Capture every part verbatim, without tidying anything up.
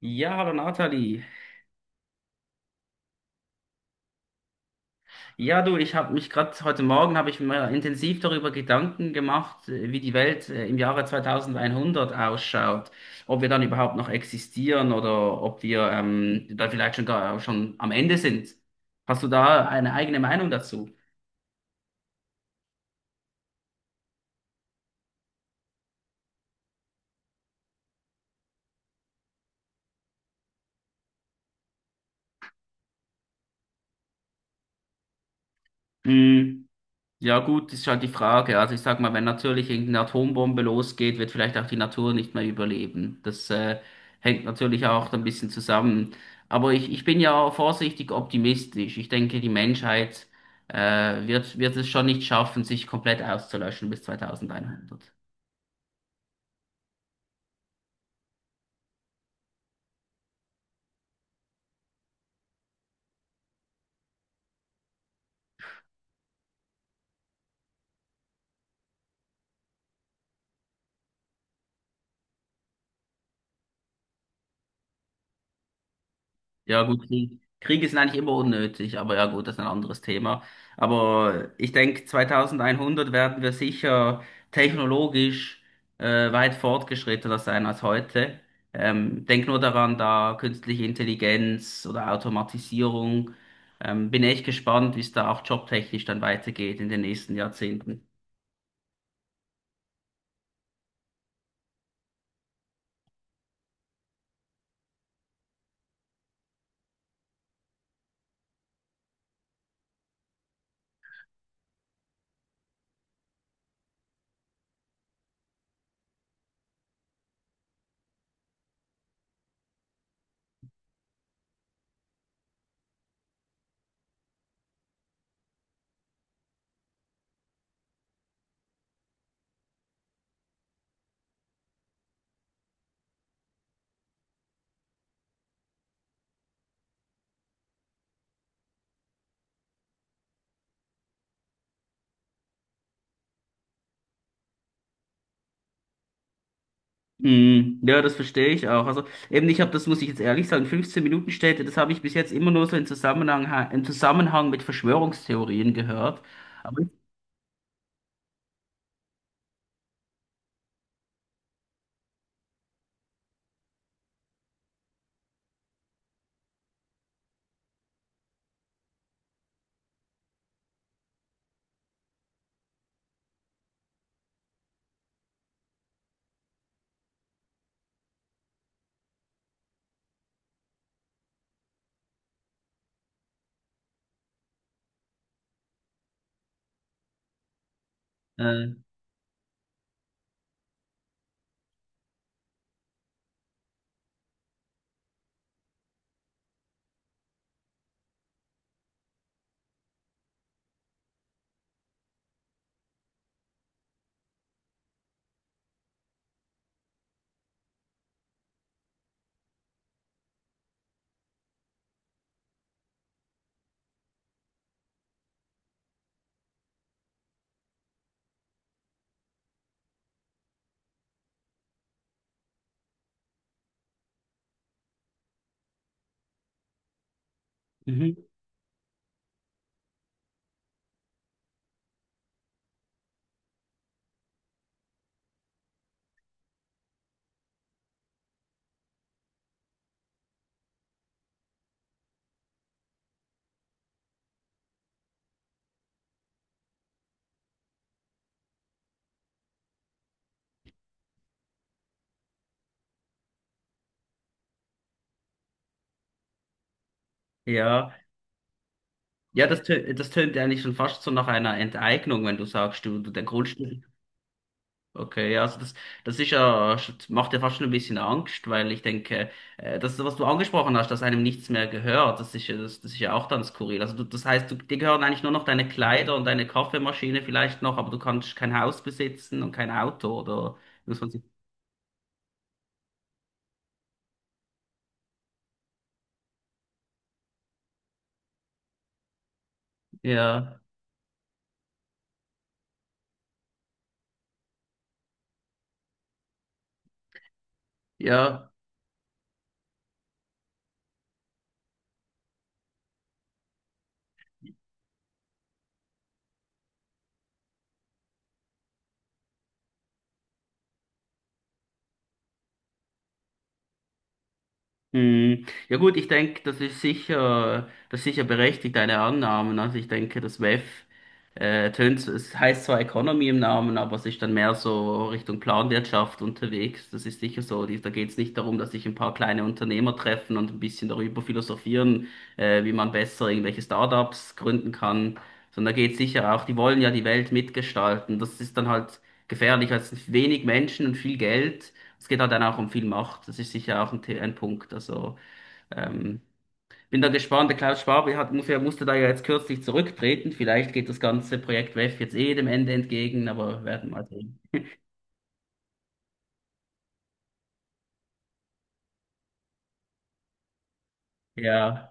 Ja, hallo Nathalie. Ja, du, ich habe mich gerade heute Morgen habe ich mir intensiv darüber Gedanken gemacht, äh, wie die Welt äh, im Jahre zweitausendeinhundert ausschaut, ob wir dann überhaupt noch existieren oder ob wir ähm, da vielleicht schon gar schon am Ende sind. Hast du da eine eigene Meinung dazu? Mm. Ja, gut, ist halt die Frage. Also ich sag mal, wenn natürlich irgendeine Atombombe losgeht, wird vielleicht auch die Natur nicht mehr überleben. Das äh, hängt natürlich auch ein bisschen zusammen. Aber ich, ich bin ja vorsichtig optimistisch. Ich denke, die Menschheit äh, wird, wird es schon nicht schaffen, sich komplett auszulöschen bis zweitausendeinhundert. Ja, gut, Krieg. Kriege sind eigentlich immer unnötig, aber ja, gut, das ist ein anderes Thema. Aber ich denke, zweitausendeinhundert werden wir sicher technologisch äh, weit fortgeschrittener sein als heute. Ähm, denk nur daran, da künstliche Intelligenz oder Automatisierung. Ähm, bin echt gespannt, wie es da auch jobtechnisch dann weitergeht in den nächsten Jahrzehnten. Mm, ja, das verstehe ich auch. Also eben, ich habe das, muss ich jetzt ehrlich sagen, fünfzehn Minuten Städte, das habe ich bis jetzt immer nur so im Zusammenhang, im Zusammenhang mit Verschwörungstheorien gehört. Aber äh, mhm, ja, ja, das, tö- das tönt eigentlich schon fast so nach einer Enteignung, wenn du sagst, du, du der Grundstück. Okay, ja, also das, das ist ja, macht ja fast schon ein bisschen Angst, weil ich denke, äh, das, was du angesprochen hast, dass einem nichts mehr gehört, das ist ja, das, das ist ja auch dann skurril. Also du, das heißt, du, dir gehören eigentlich nur noch deine Kleider und deine Kaffeemaschine vielleicht noch, aber du kannst kein Haus besitzen und kein Auto oder muss man sich, ja, ja. Hm, ja, gut, ich denke, das ist sicher, das ist sicher berechtigt, deine Annahmen. Also ich denke, das W E F äh, tönt, es heißt zwar Economy im Namen, aber es ist dann mehr so Richtung Planwirtschaft unterwegs. Das ist sicher so. Die- Da geht es nicht darum, dass sich ein paar kleine Unternehmer treffen und ein bisschen darüber philosophieren, äh, wie man besser irgendwelche Startups gründen kann, sondern da geht es sicher auch, die wollen ja die Welt mitgestalten. Das ist dann halt gefährlich, weil es sind wenig Menschen und viel Geld. Es geht halt dann auch um viel Macht. Das ist sicher auch ein, The- ein Punkt. Also ähm, bin da gespannt. Der Klaus Schwab hat, muss, ja- musste da ja jetzt kürzlich zurücktreten. Vielleicht geht das ganze Projekt W E F jetzt eh dem Ende entgegen, aber werden wir mal sehen. Ja.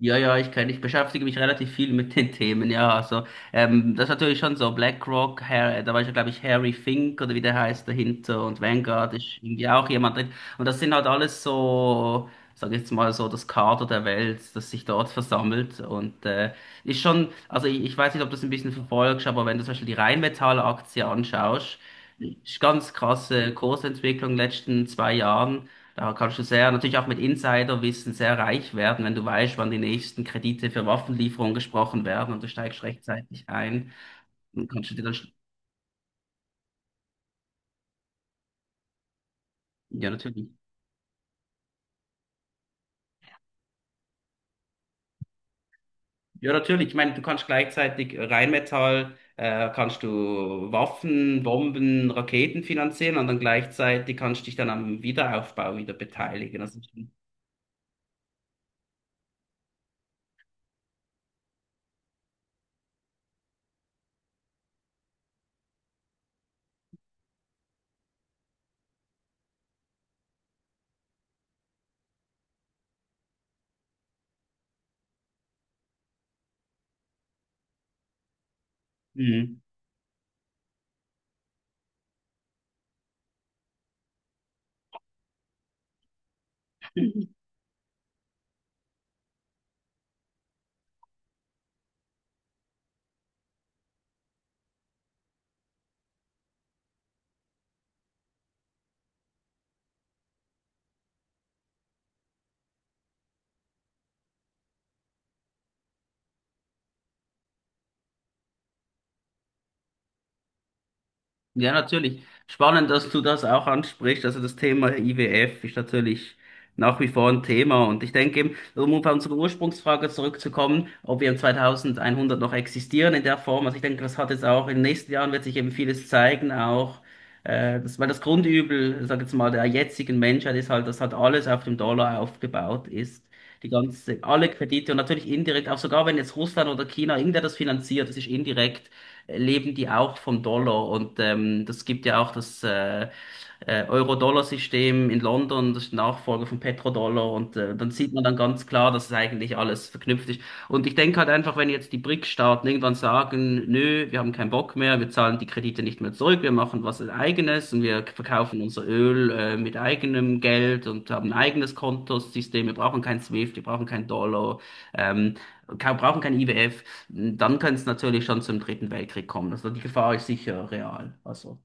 Ja, ja, ich kenne, ich beschäftige mich relativ viel mit den Themen, ja. Also, ähm, das ist natürlich schon so. BlackRock, Har- äh, da war ja, glaube ich, Harry Fink oder wie der heißt dahinter, und Vanguard ist irgendwie auch jemand drin. Und das sind halt alles so, sag ich jetzt mal so, das Kader der Welt, das sich dort versammelt. Und äh, ist schon, also ich, ich weiß nicht, ob du das ein bisschen verfolgst, aber wenn du zum Beispiel die Rheinmetall-Aktie anschaust, ist ganz krasse Kursentwicklung in den letzten zwei Jahren. Da kannst du sehr, natürlich auch mit Insiderwissen sehr reich werden, wenn du weißt, wann die nächsten Kredite für Waffenlieferungen gesprochen werden und du steigst rechtzeitig ein. Dann kannst du dir dann, sch- ja, natürlich. Ja, natürlich. Ich meine, du kannst gleichzeitig Rheinmetall, äh, kannst du Waffen, Bomben, Raketen finanzieren und dann gleichzeitig kannst du dich dann am Wiederaufbau wieder beteiligen. Also, mhm. Ja, natürlich. Spannend, dass du das auch ansprichst. Also das Thema I W F ist natürlich nach wie vor ein Thema. Und ich denke eben, um auf unsere Ursprungsfrage zurückzukommen, ob wir im zweitausendeinhundert noch existieren in der Form. Also ich denke, das hat jetzt auch in den nächsten Jahren wird sich eben vieles zeigen, auch äh, das, weil das Grundübel, sag jetzt mal, der jetzigen Menschheit ist halt, dass halt alles auf dem Dollar aufgebaut ist. Die ganze, alle Kredite und natürlich indirekt, auch sogar wenn jetzt Russland oder China, irgendwer das finanziert, das ist indirekt leben die auch vom Dollar. Und ähm, das gibt ja auch das äh, äh, Euro-Dollar-System in London, das ist Nachfolger von Petrodollar. Und äh, dann sieht man dann ganz klar, dass es eigentlich alles verknüpft ist. Und ich denke halt einfach, wenn jetzt die B R I C-Staaten irgendwann sagen, nö, wir haben keinen Bock mehr, wir zahlen die Kredite nicht mehr zurück, wir machen was eigenes und wir verkaufen unser Öl äh, mit eigenem Geld und haben ein eigenes Kontosystem, wir brauchen kein SWIFT, wir brauchen keinen Dollar. Ähm, ka- Brauchen kein I W F, dann könnte es natürlich schon zum Dritten Weltkrieg kommen. Also die Gefahr ist sicher real. Also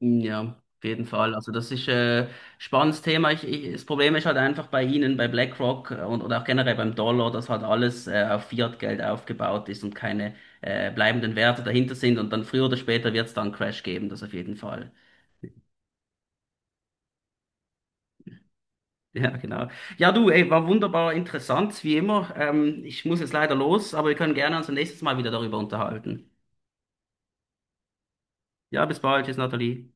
ja, auf jeden Fall. Also das ist äh, spannendes Thema. Ich, ich, das Problem ist halt einfach bei Ihnen, bei BlackRock äh, und oder auch generell beim Dollar, dass halt alles äh, auf Fiat-Geld aufgebaut ist und keine äh, bleibenden Werte dahinter sind. Und dann früher oder später wird es dann einen Crash geben, das auf jeden Fall. Ja, genau. Ja, du, ey, war wunderbar interessant, wie immer. Ähm, ich muss jetzt leider los, aber wir können gerne uns nächstes Mal wieder darüber unterhalten. Ja, bis bald. Tschüss, Nathalie.